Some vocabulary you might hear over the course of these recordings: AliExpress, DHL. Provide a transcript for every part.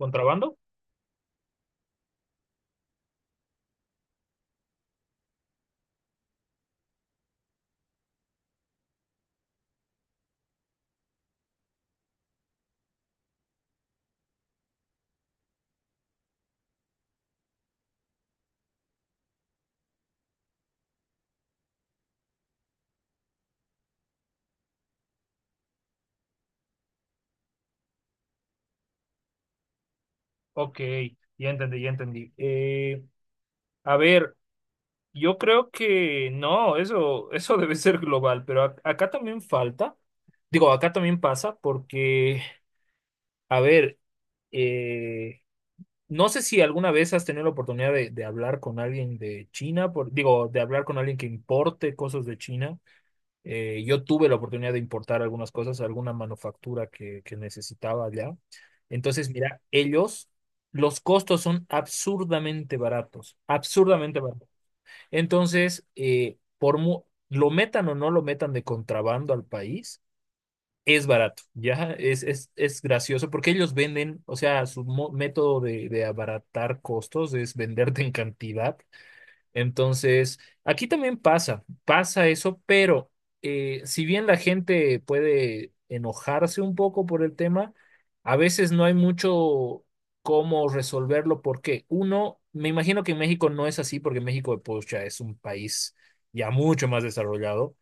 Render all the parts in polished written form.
¿Contrabando? Ok, ya entendí, ya entendí. A ver, yo creo que no, eso debe ser global, pero acá también falta, digo, acá también pasa porque, a ver, eh, no sé si alguna vez has tenido la oportunidad de hablar con alguien de China, por, digo, de hablar con alguien que importe cosas de China. Yo tuve la oportunidad de importar algunas cosas, alguna manufactura que necesitaba allá. Entonces, mira, ellos, los costos son absurdamente baratos, absurdamente baratos. Entonces, lo metan o no lo metan de contrabando al país, es barato, ¿ya? Es gracioso porque ellos venden, o sea, método de abaratar costos es venderte en cantidad, entonces, aquí también pasa, pasa eso, pero si bien la gente puede enojarse un poco por el tema, a veces no hay mucho cómo resolverlo porque uno, me imagino que en México no es así porque México, pues, ya es un país ya mucho más desarrollado.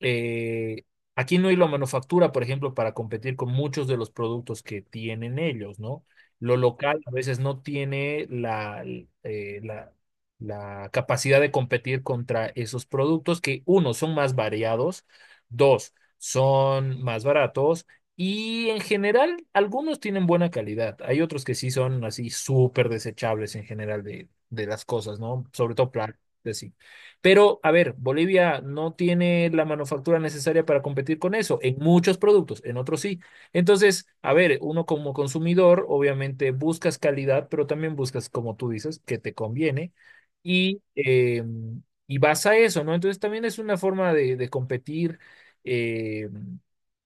eh, Aquí no hay la manufactura, por ejemplo, para competir con muchos de los productos que tienen ellos, ¿no? Lo local a veces no tiene la, la, la capacidad de competir contra esos productos que, uno, son más variados, dos, son más baratos. Y en general, algunos tienen buena calidad. Hay otros que sí son así súper desechables en general de las cosas, ¿no? Sobre todo plásticos, sí. Pero, a ver, Bolivia no tiene la manufactura necesaria para competir con eso, en muchos productos, en otros sí. Entonces, a ver, uno como consumidor, obviamente buscas calidad, pero también buscas, como tú dices, que te conviene y, eh, y vas a eso, ¿no? Entonces, también es una forma de competir. eh,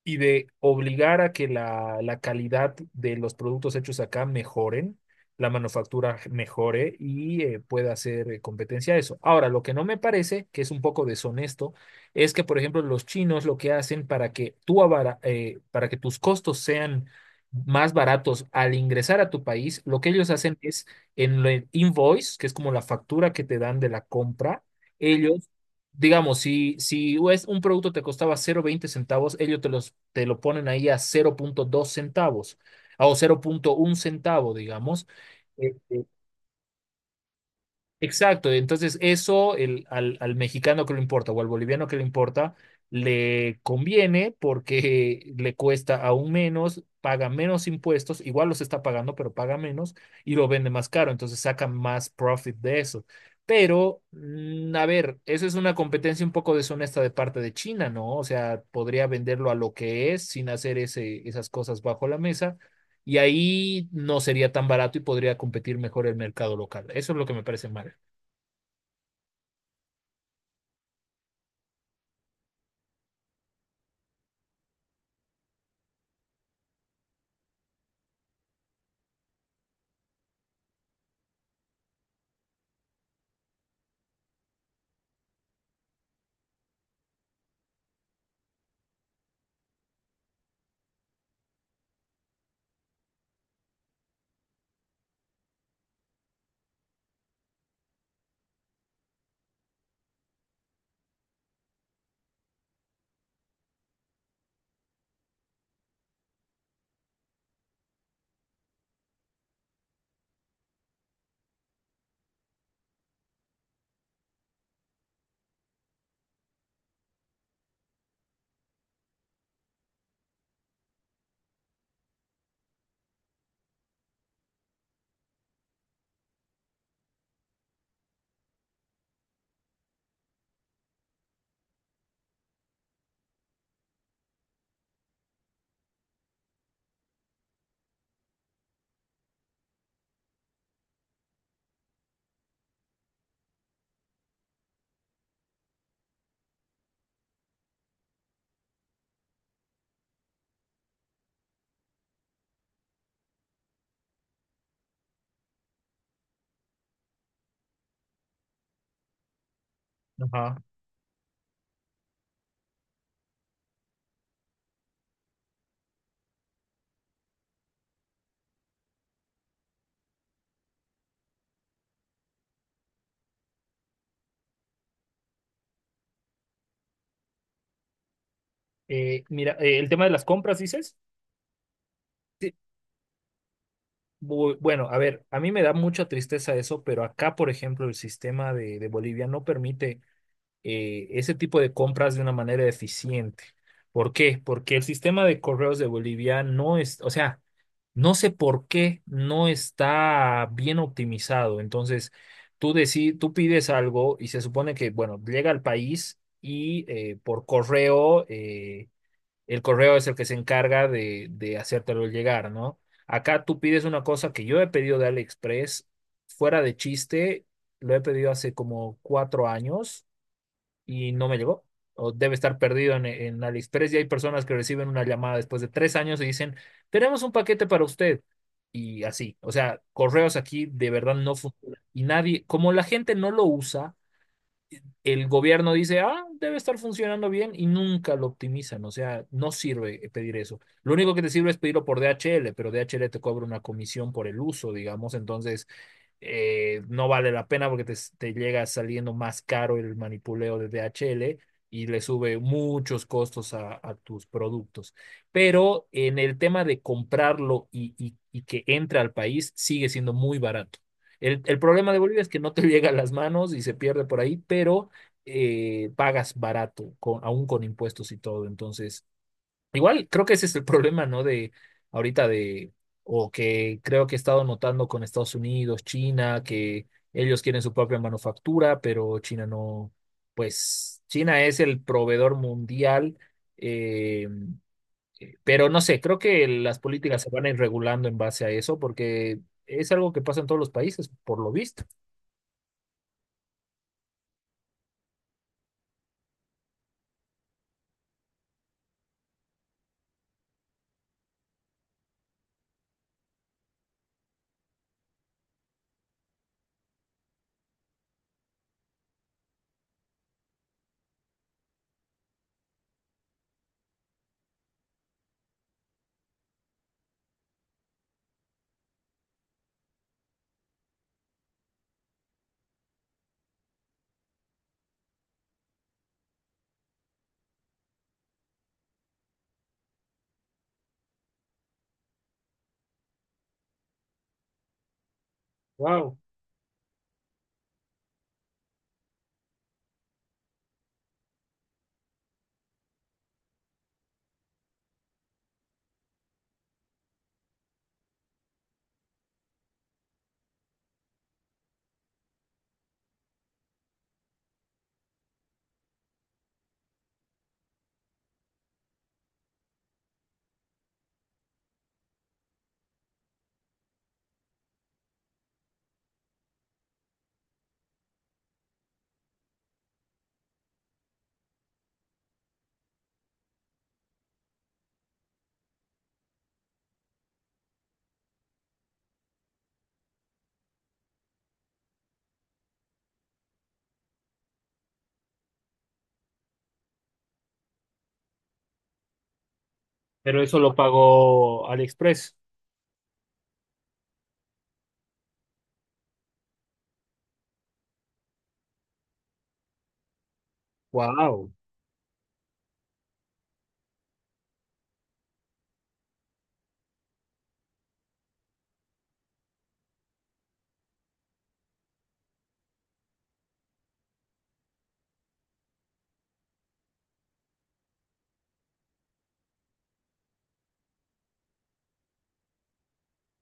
y de obligar a que la calidad de los productos hechos acá mejoren, la manufactura mejore y pueda hacer competencia a eso. Ahora, lo que no me parece, que es un poco deshonesto, es que, por ejemplo, los chinos lo que hacen para que para que tus costos sean más baratos al ingresar a tu país, lo que ellos hacen es en el invoice, que es como la factura que te dan de la compra, ellos, digamos, si es un producto te costaba cero coma veinte centavos, ellos te, los, te lo ponen ahí a cero punto dos centavos o 0.1 centavo, digamos. Eh, eh, Exacto, entonces eso el, al, al mexicano que le importa o al boliviano que le importa, le conviene porque le cuesta aún menos, paga menos impuestos, igual los está pagando, pero paga menos y lo vende más caro, entonces saca más profit de eso. Pero, a ver, eso es una competencia un poco deshonesta de parte de China, ¿no? O sea, podría venderlo a lo que es sin hacer esas cosas bajo la mesa y ahí no sería tan barato y podría competir mejor el mercado local. Eso es lo que me parece mal. Ajá. Mira, el tema de las compras, dices. Sí, bueno, a ver, a mí me da mucha tristeza eso, pero acá, por ejemplo, el sistema de Bolivia no permite ese tipo de compras de una manera eficiente. ¿Por qué? Porque el sistema de correos de Bolivia no es, o sea, no sé por qué no está bien optimizado. Entonces, tú pides algo y se supone que, bueno, llega al país y por correo. El correo es el que se encarga de hacértelo llegar, ¿no? Acá tú pides una cosa que yo he pedido de AliExpress, fuera de chiste, lo he pedido hace como 4 años y no me llegó. O debe estar perdido en AliExpress y hay personas que reciben una llamada después de 3 años y dicen, tenemos un paquete para usted. Y así, o sea, correos aquí de verdad no funcionan. Y nadie, como la gente no lo usa, el gobierno dice, ah, debe estar funcionando bien y nunca lo optimizan. O sea, no sirve pedir eso. Lo único que te sirve es pedirlo por DHL, pero DHL te cobra una comisión por el uso, digamos. Entonces, no vale la pena porque te llega saliendo más caro el manipuleo de DHL y le sube muchos costos a tus productos. Pero en el tema de comprarlo y que entre al país, sigue siendo muy barato. El problema de Bolivia es que no te llega a las manos y se pierde por ahí, pero pagas barato, con, aún con impuestos y todo. Entonces, igual creo que ese es el problema, ¿no? De ahorita de, o que creo que he estado notando con Estados Unidos, China, que ellos quieren su propia manufactura, pero China no, pues China es el proveedor mundial, eh, pero no sé, creo que las políticas se van a ir regulando en base a eso, porque es algo que pasa en todos los países, por lo visto. Wow. Pero eso lo pagó AliExpress. Wow.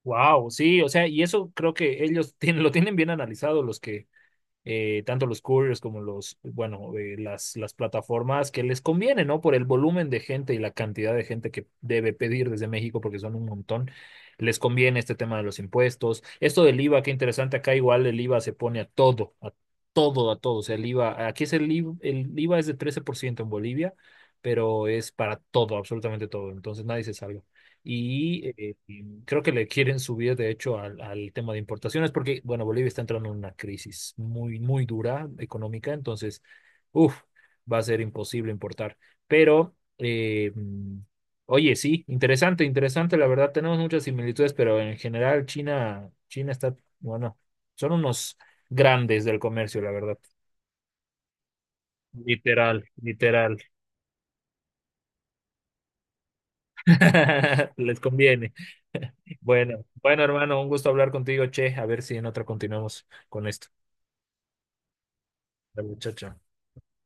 Wow, sí, o sea, y eso creo que ellos tienen, lo tienen bien analizado, los que, tanto los couriers como los, bueno, las plataformas que les conviene, ¿no? Por el volumen de gente y la cantidad de gente que debe pedir desde México, porque son un montón, les conviene este tema de los impuestos. Esto del IVA, qué interesante, acá igual el IVA se pone a todo, a todo, a todo. O sea, el IVA, aquí es el IVA, el IVA es de 13% en Bolivia, pero es para todo, absolutamente todo. Entonces nadie se salva. Y creo que le quieren subir, de hecho, al, al tema de importaciones, porque, bueno, Bolivia está entrando en una crisis muy, muy dura económica, entonces, uff, va a ser imposible importar. Pero, oye, sí, interesante, interesante, la verdad, tenemos muchas similitudes, pero en general China, China está, bueno, son unos grandes del comercio, la verdad. Literal, literal. Les conviene. Bueno, bueno, hermano, un gusto hablar contigo, che. A ver si en otra continuamos con esto. Dale, chao, chao.